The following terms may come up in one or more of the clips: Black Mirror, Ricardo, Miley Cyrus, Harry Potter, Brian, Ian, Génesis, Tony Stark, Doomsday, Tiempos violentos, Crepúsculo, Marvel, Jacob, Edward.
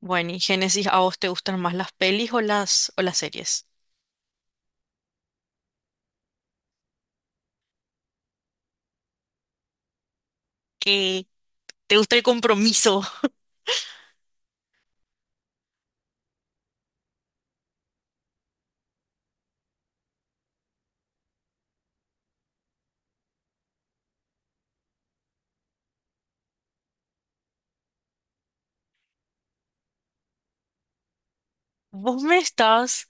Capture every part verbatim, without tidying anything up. Bueno, y Génesis, ¿a vos te gustan más las pelis o las, o las series? ¿Que ¿Te gusta el compromiso? Vos me estás...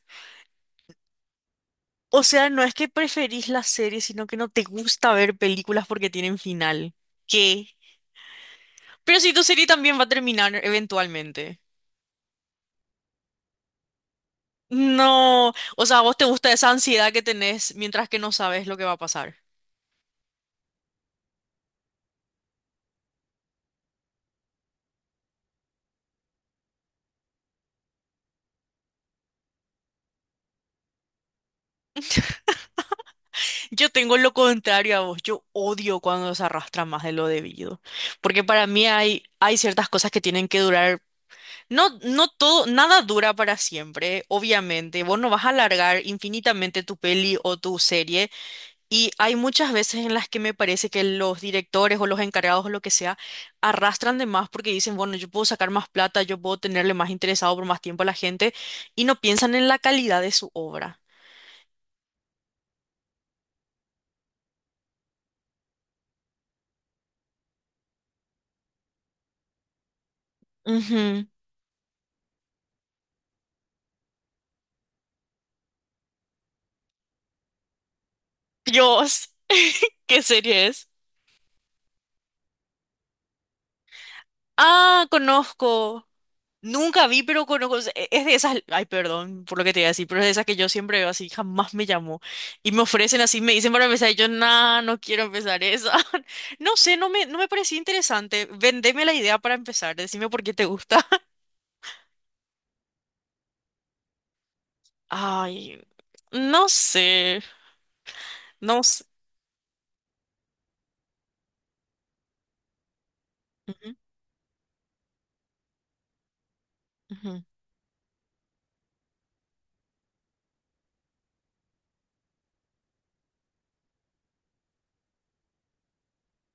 O sea, no es que preferís las series, sino que no te gusta ver películas porque tienen final. ¿Qué? Pero si tu serie también va a terminar eventualmente. No, o sea, a vos te gusta esa ansiedad que tenés mientras que no sabes lo que va a pasar. Yo tengo lo contrario a vos, yo odio cuando se arrastra más de lo debido, porque para mí hay, hay ciertas cosas que tienen que durar. No, no todo, nada dura para siempre, obviamente. Vos no vas a alargar infinitamente tu peli o tu serie. Y hay muchas veces en las que me parece que los directores o los encargados o lo que sea arrastran de más porque dicen, bueno, yo puedo sacar más plata, yo puedo tenerle más interesado por más tiempo a la gente y no piensan en la calidad de su obra. Ujú. Dios, ¿qué serie es? Ah, conozco. Nunca vi, pero conozco. Es de esas. Ay, perdón por lo que te iba a decir, pero es de esas que yo siempre veo así, jamás me llamó. Y me ofrecen así, me dicen para empezar, y yo, nah, no quiero empezar esa. No sé, no me, no me parecía interesante. Vendeme la idea para empezar, decime por qué te gusta. Ay, no sé, no sé. Ujú, ujú.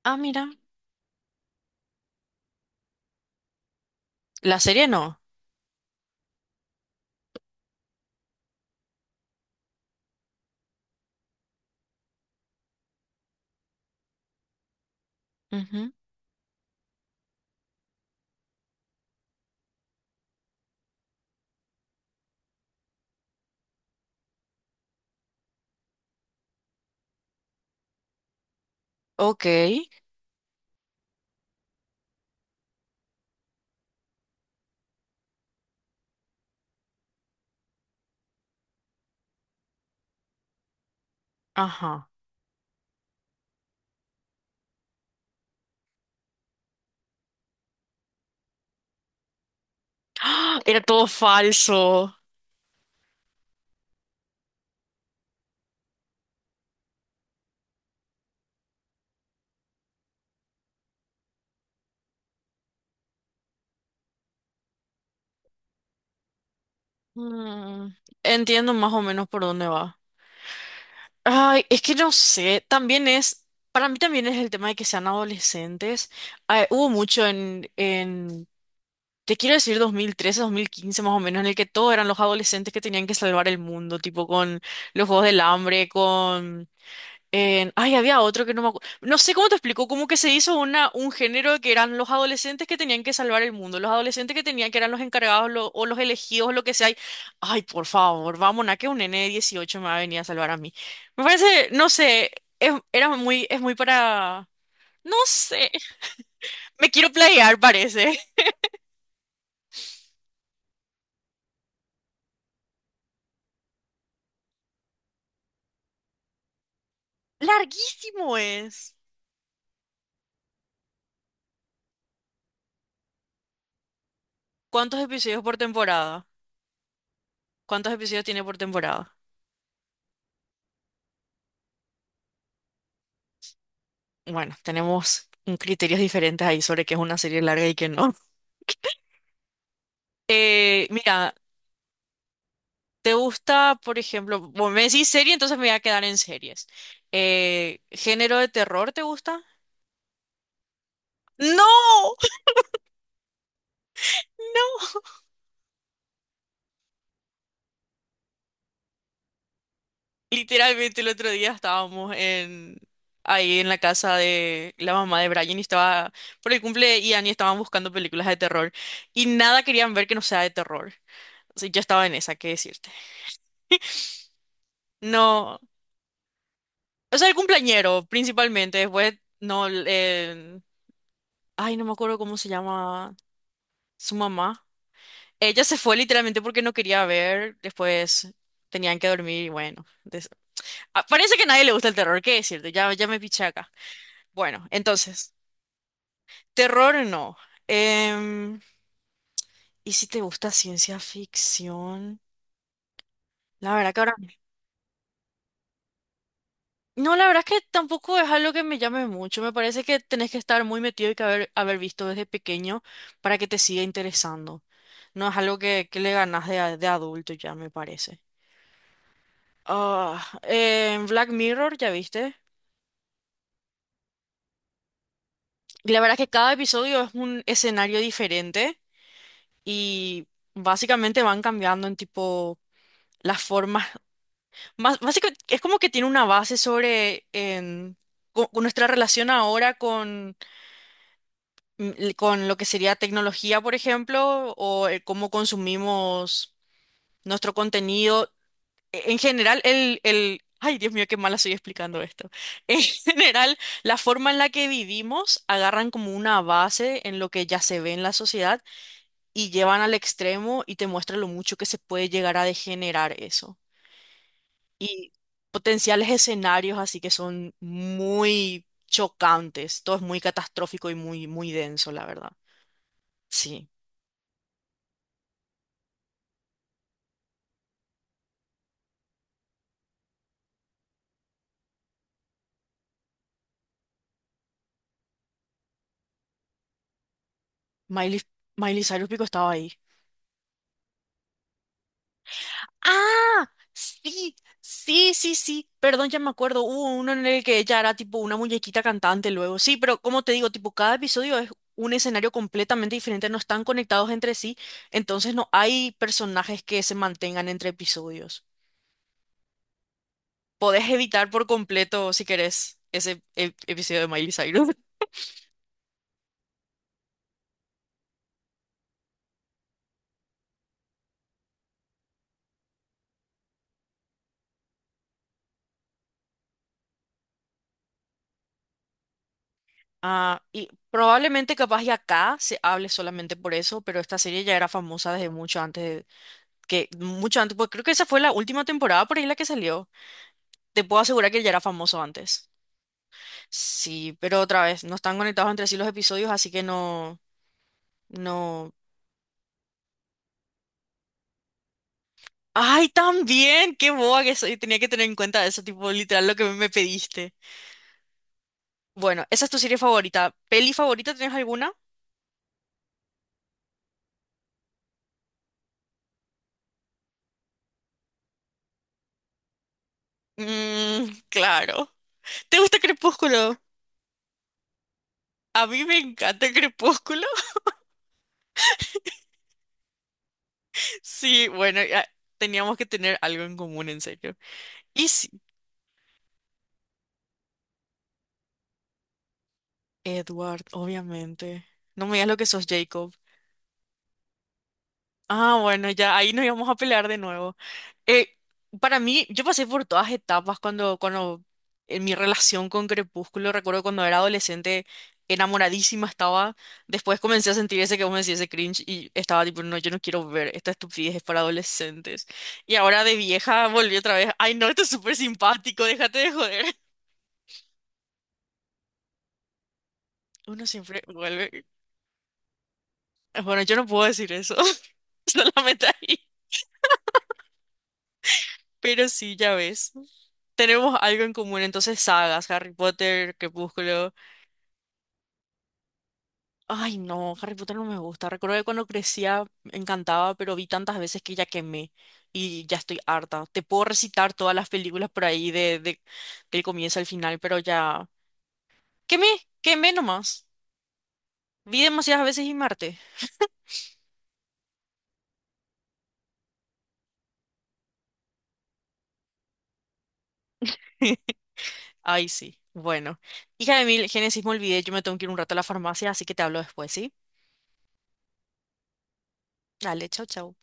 Ah, mira, la serie no. Ujú. Ok, ajá. ¡Ah! Era todo falso. Mm, entiendo más o menos por dónde va. Ay, es que no sé, también es, para mí también es el tema de que sean adolescentes. Ah, hubo mucho en, en, te quiero decir dos dos mil trece, dos mil quince más o menos, en el que todos eran los adolescentes que tenían que salvar el mundo, tipo con los Juegos del Hambre, con en- ay, había otro que no me acuerdo. No sé cómo te explico, como que se hizo una, un género que eran los adolescentes que tenían que salvar el mundo, los adolescentes que tenían que eran los encargados lo- o los elegidos, lo que sea. Y- ay, por favor, vamos, a que un nene de dieciocho me va a venir a salvar a mí. Me parece, no sé, es, era muy, es muy para... No sé, me quiero playar, parece. Larguísimo es. ¿Cuántos episodios por temporada? ¿Cuántos episodios tiene por temporada? Bueno, tenemos mm, criterios diferentes ahí sobre qué es una serie larga y qué no. Eh, mira, ¿te gusta, por ejemplo, vos me decís serie, entonces me voy a quedar en series. Eh, ¿género de terror te gusta? ¡No! Literalmente el otro día estábamos en ahí en la casa de la mamá de Brian y estaba por el cumple de Ian y estaban buscando películas de terror y nada querían ver que no sea de terror. O sea, yo estaba en esa, ¿qué decirte? No, o sea, el cumpleañero principalmente, después no el- ay, no me acuerdo cómo se llama su mamá. Ella se fue literalmente porque no quería ver, después tenían que dormir y bueno. des- Ah, parece que a nadie le gusta el terror, ¿qué decirte? Ya, ya me piché acá. Bueno, entonces, terror no. Em, ¿y si te gusta ciencia ficción? La verdad que ahora... No, la verdad es que tampoco es algo que me llame mucho. Me parece que tenés que estar muy metido y que haber, haber visto desde pequeño para que te siga interesando. No es algo que, que le ganas de, a- de adulto ya, me parece. Ah, em, Black Mirror, ¿ya viste? Y la verdad que cada episodio es un escenario diferente y básicamente van cambiando en tipo las formas. Más, básicamente es como que tiene una base sobre en, co- con nuestra relación ahora con, mm, l- con lo que sería tecnología, por ejemplo, o eh, cómo consumimos nuestro contenido. E- En general, el, el... Ay, Dios mío, qué mala estoy explicando esto. En general, la forma en la que vivimos agarran como una base en lo que ya se ve en la sociedad y llevan al extremo y te muestra lo mucho que se puede llegar a degenerar eso. Y potenciales escenarios así que son muy chocantes, todo es muy catastrófico y muy, muy denso, la verdad. Sí, Miley, Miley Cyrus Pico estaba ahí. ¡Ah! Sí, sí, sí, sí. Perdón, ya me acuerdo. Hubo uno en el que ella era tipo una muñequita cantante luego. Sí, pero como te digo, tipo, cada episodio es un escenario completamente diferente, no están conectados entre sí, entonces no hay personajes que se mantengan entre episodios. Podés evitar por completo, si querés, ese ep- episodio de Miley Cyrus. Ah, y probablemente capaz y acá se hable solamente por eso, pero esta serie ya era famosa desde mucho antes de- que mucho antes, pues creo que esa fue la última temporada por ahí la que salió. Te puedo asegurar que ya era famoso antes. Sí, pero otra vez, no están conectados entre sí los episodios, así que no, no. ¡Ay, también! ¡Qué boba que soy! Tenía que tener en cuenta eso, tipo, literal, lo que me pediste. Bueno, esa es tu serie favorita. ¿Peli favorita tienes alguna? Mmm, claro. ¿Te gusta Crepúsculo? A mí me encanta Crepúsculo. Sí, bueno, ya teníamos que tener algo en común, en serio. Y sí, Edward, obviamente. No me digas lo que sos, Jacob. Ah, bueno, ya ahí nos íbamos a pelear de nuevo. Eh, para mí, yo pasé por todas etapas cuando, cuando en mi relación con Crepúsculo, recuerdo cuando era adolescente, enamoradísima estaba. Después comencé a sentir ese que vos me decís, ese cringe, y estaba tipo, no, yo no quiero ver esta estupidez es para adolescentes. Y ahora de vieja volví otra vez, ay no, esto es súper simpático, déjate de joder. Uno siempre vuelve. Bueno, yo no puedo decir eso. Solamente ahí. Pero sí, ya ves. Tenemos algo en común, entonces sagas, Harry Potter, Crepúsculo. Ay, no, Harry Potter no me gusta. Recuerdo que cuando crecía me encantaba, pero vi tantas veces que ya quemé y ya estoy harta. Te puedo recitar todas las películas por ahí de, de- del comienzo al final, pero ya quemé, quemé nomás. Vi demasiadas veces y Marte. Ay, sí. Bueno, hija de mil, Génesis, me olvidé, yo me tengo que ir un rato a la farmacia, así que te hablo después, ¿sí? Dale, chau, chau.